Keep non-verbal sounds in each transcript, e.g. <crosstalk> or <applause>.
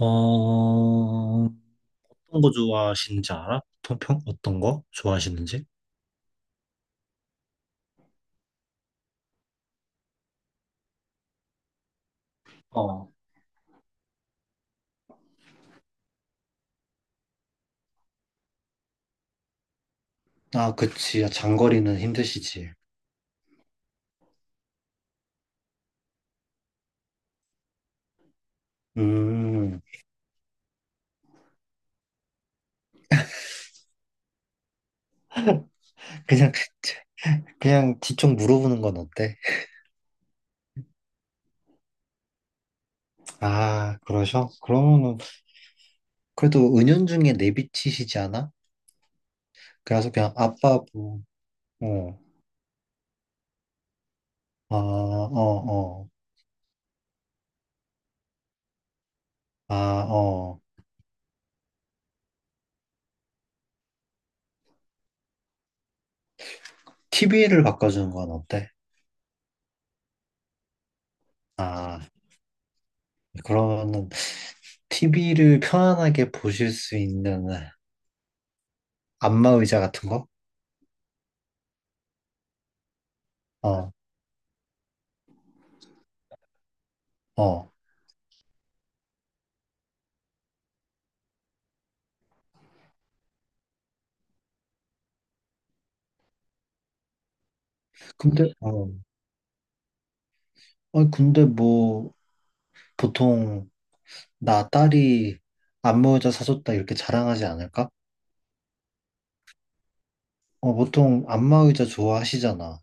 어, 어떤 거 좋아하시는지 알아? 평평? 어떤 거 좋아하시는지? 어. 아, 그치. 아, 장거리는 힘드시지. 음, 그냥, 그냥 뒤쪽 물어보는 건 어때? 아, 그러셔? 그러면은, 그래도 은연중에 내비치시지 않아? 그래서 그냥 아빠, 뭐, 어, 아, 어, 어, 아, 어, TV를 바꿔주는 건 어때? 아, 그러면은, TV를 편안하게 보실 수 있는 안마 의자 같은 거? 어. 어. 근데, 어. 아니, 근데 뭐, 보통, 나 딸이 안마 의자 사줬다 이렇게 자랑하지 않을까? 어, 보통 안마 의자 좋아하시잖아,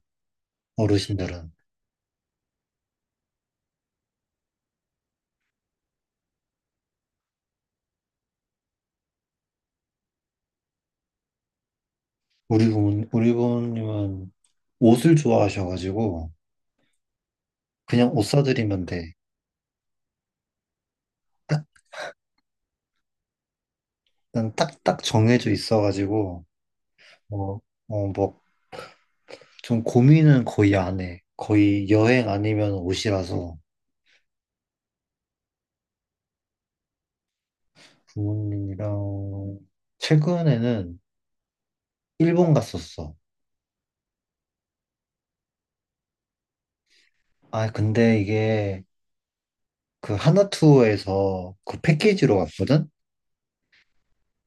어르신들은. 우리 부모님은 옷을 좋아하셔가지고, 그냥 옷 사드리면 돼. 난 딱, 딱 정해져 있어가지고, 뭐, 어, 뭐, 좀 고민은 거의 안 해. 거의 여행 아니면 옷이라서, 부모님이랑, 최근에는 일본 갔었어. 아, 근데 이게 그 하나투어에서 그 패키지로 왔거든?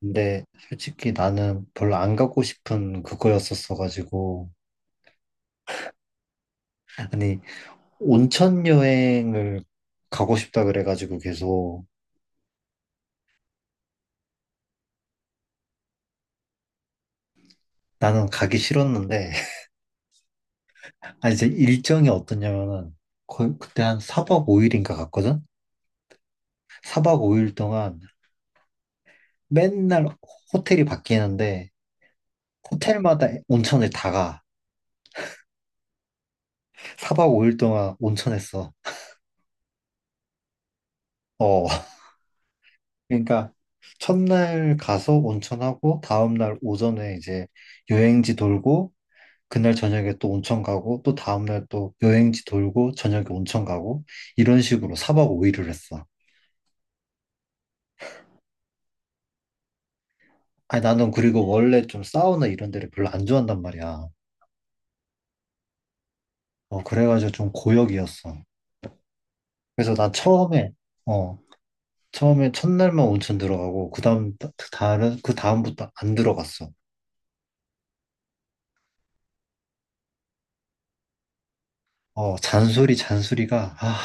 근데 솔직히 나는 별로 안 가고 싶은 그거였었어가지고. 아니, 온천 여행을 가고 싶다 그래가지고 계속 나는 가기 싫었는데. <laughs> 아, 이제 일정이 어떠냐면은 거의 그때 한 4박 5일인가 갔거든? 4박 5일 동안 맨날 호텔이 바뀌는데 호텔마다 온천을 다 가. 4박 5일 동안 온천했어. 어. 그러니까 첫날 가서 온천하고 다음날 오전에 이제 여행지 돌고 그날 저녁에 또 온천 가고 또 다음날 또 여행지 돌고 저녁에 온천 가고 이런 식으로 4박 5일을 했어. 아니 나는 그리고 원래 좀 사우나 이런 데를 별로 안 좋아한단 말이야. 그래가지고 좀 고역이었어. 그래서 난 어 처음에 첫날만 온천 들어가고 그다음 다른 그 다음부터 안 들어갔어. 잔소리가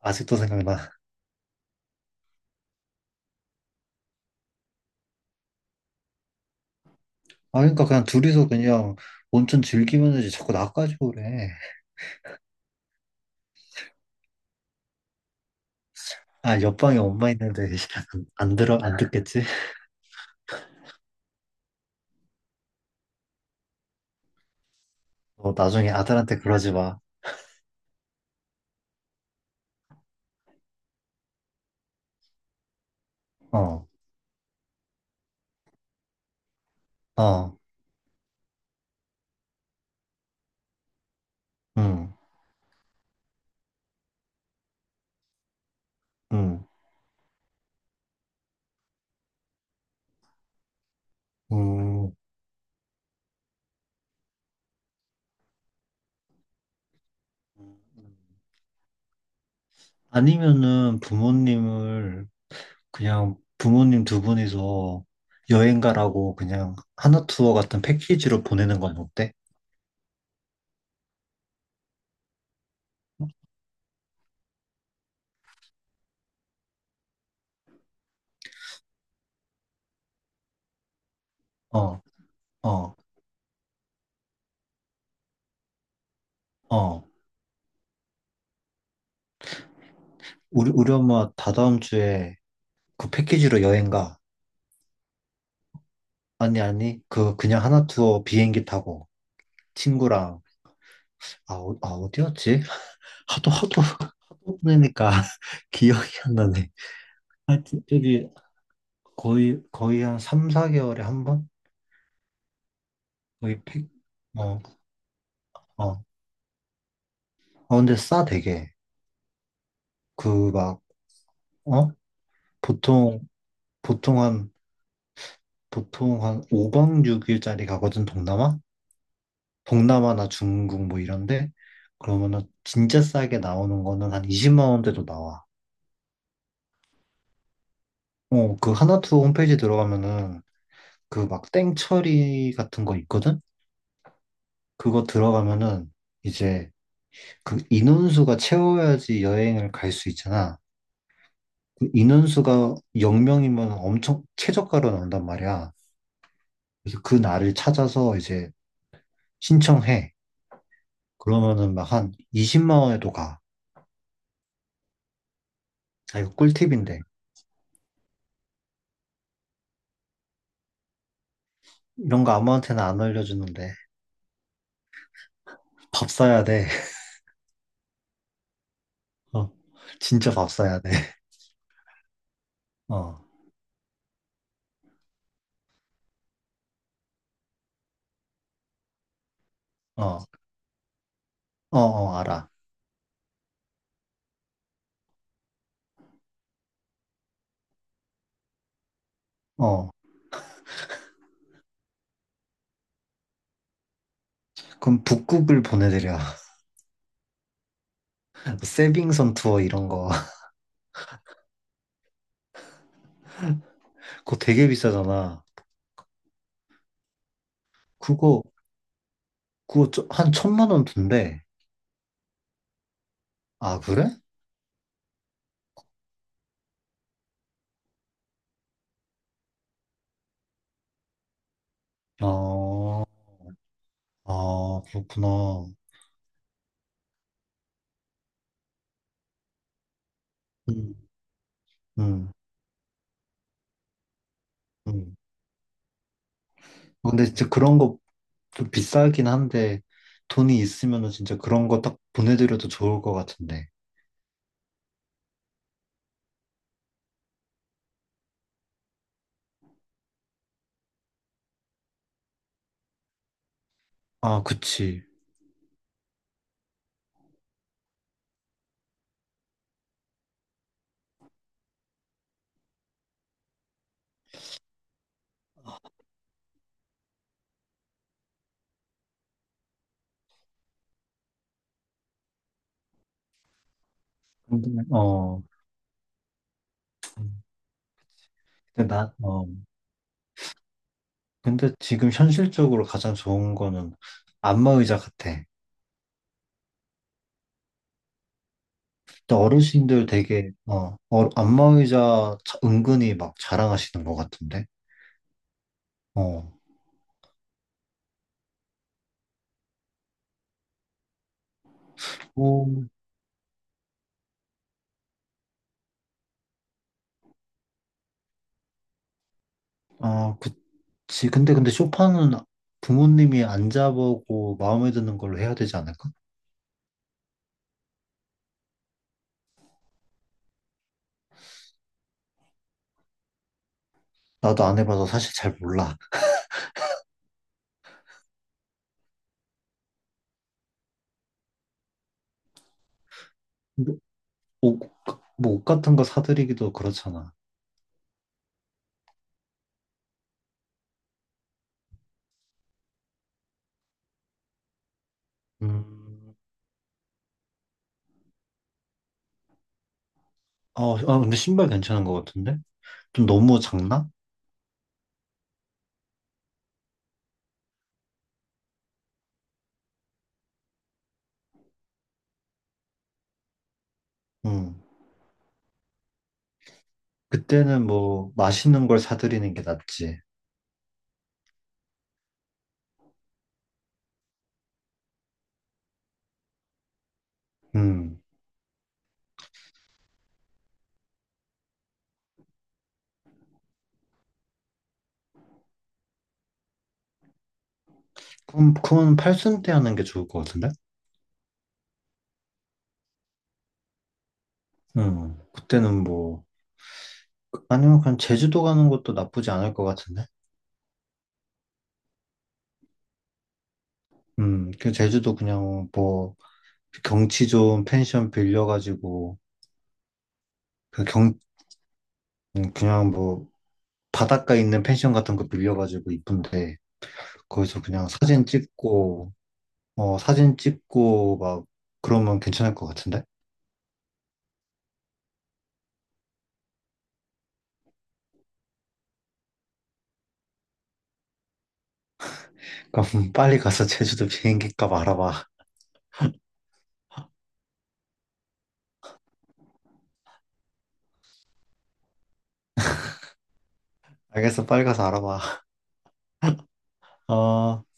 아직도 생각나. 아, 그러니까 그냥 둘이서 그냥 온천 즐기면 되지. 자꾸 나까지고 그래. 아, 옆방에 엄마 있는데 <laughs> 안 듣겠지? 어, 나중에 아들한테 그러지 마. 어, 어, 응, 응, 응. 아니면은 부모님을 그냥 부모님 두 분이서 여행 가라고 그냥 하나투어 같은 패키지로 보내는 건 어때? 어, 어, 어. 우리 엄마 다다음 주에 그 패키지로 여행 가. 아니, 아니, 그냥 하나 투어 비행기 타고 친구랑, 어디였지? 하도, 하도, 하도 보내니까 <laughs> 기억이 안 나네. 하여튼, 저기, 거의 한 3, 4개월에 한 번? 거의 팩, 어, 어. 어, 근데 되게. 그, 막, 어? 보통, 보통 한, 보통 한 5박 6일짜리 가거든, 동남아? 동남아나 중국 뭐 이런데? 그러면은 진짜 싸게 나오는 거는 한 20만 원대도 나와. 어, 그 하나투 홈페이지 들어가면은 그 막 땡처리 같은 거 있거든? 그거 들어가면은 이제 그 인원수가 채워야지 여행을 갈 수 있잖아. 그 인원수가 0명이면 엄청 최저가로 나온단 말이야. 그래서 그 날을 찾아서 이제 신청해. 그러면은 막 한 20만 원에도 가. 아, 이거 꿀팁인데. 이런 거 아무한테나 안 알려주는데. 밥 사야 돼. <laughs> 어, 진짜 밥 사야 돼. 어, 어, 어, 어, 알아. 어. 그럼 북극을 보내드려. <laughs> 세빙선 투어 이런 거. <laughs> 그거 되게 비싸잖아. 그거, 그거 한 천만 원 든대. 아, 그래? 어, 아, 그렇구나. 음, 음, 음. 근데 진짜 그런 거 좀 비싸긴 한데, 돈이 있으면은 진짜 그런 거 딱 보내드려도 좋을 것 같은데. 아, 그치. 근데, 어, 근데 나, 어, 근데 지금 현실적으로 가장 좋은 거는 안마 의자 같아. 근데 어르신들 되게 안마의자 은근히 막 자랑하시는 것 같은데. 어. 오, 아, 그치. 근데 소파는 부모님이 앉아보고 마음에 드는 걸로 해야 되지 않을까? 나도 안 해봐서 사실 잘 몰라. 뭐, 옷, 뭐 옷 같은 거 사드리기도 그렇잖아. 음. 아, 근데 신발 괜찮은 것 같은데? 좀 너무 작나? 음. 그때는 뭐 맛있는 걸 사드리는 게 낫지. 음. 그럼 그건 팔순 때 하는 게 좋을 것 같은데? 그때는 뭐, 아니면 그냥 제주도 가는 것도 나쁘지 않을 것 같은데? 그 제주도 그냥 뭐, 경치 좋은 펜션 빌려가지고, 그 경, 그냥 뭐, 바닷가 있는 펜션 같은 거 빌려가지고 이쁜데, 거기서 그냥 사진 찍고 막, 그러면 괜찮을 것 같은데? 그럼 <laughs> 빨리 가서 제주도 비행기 값 알아봐. 알겠어, 빨리 가서 알아봐. 어.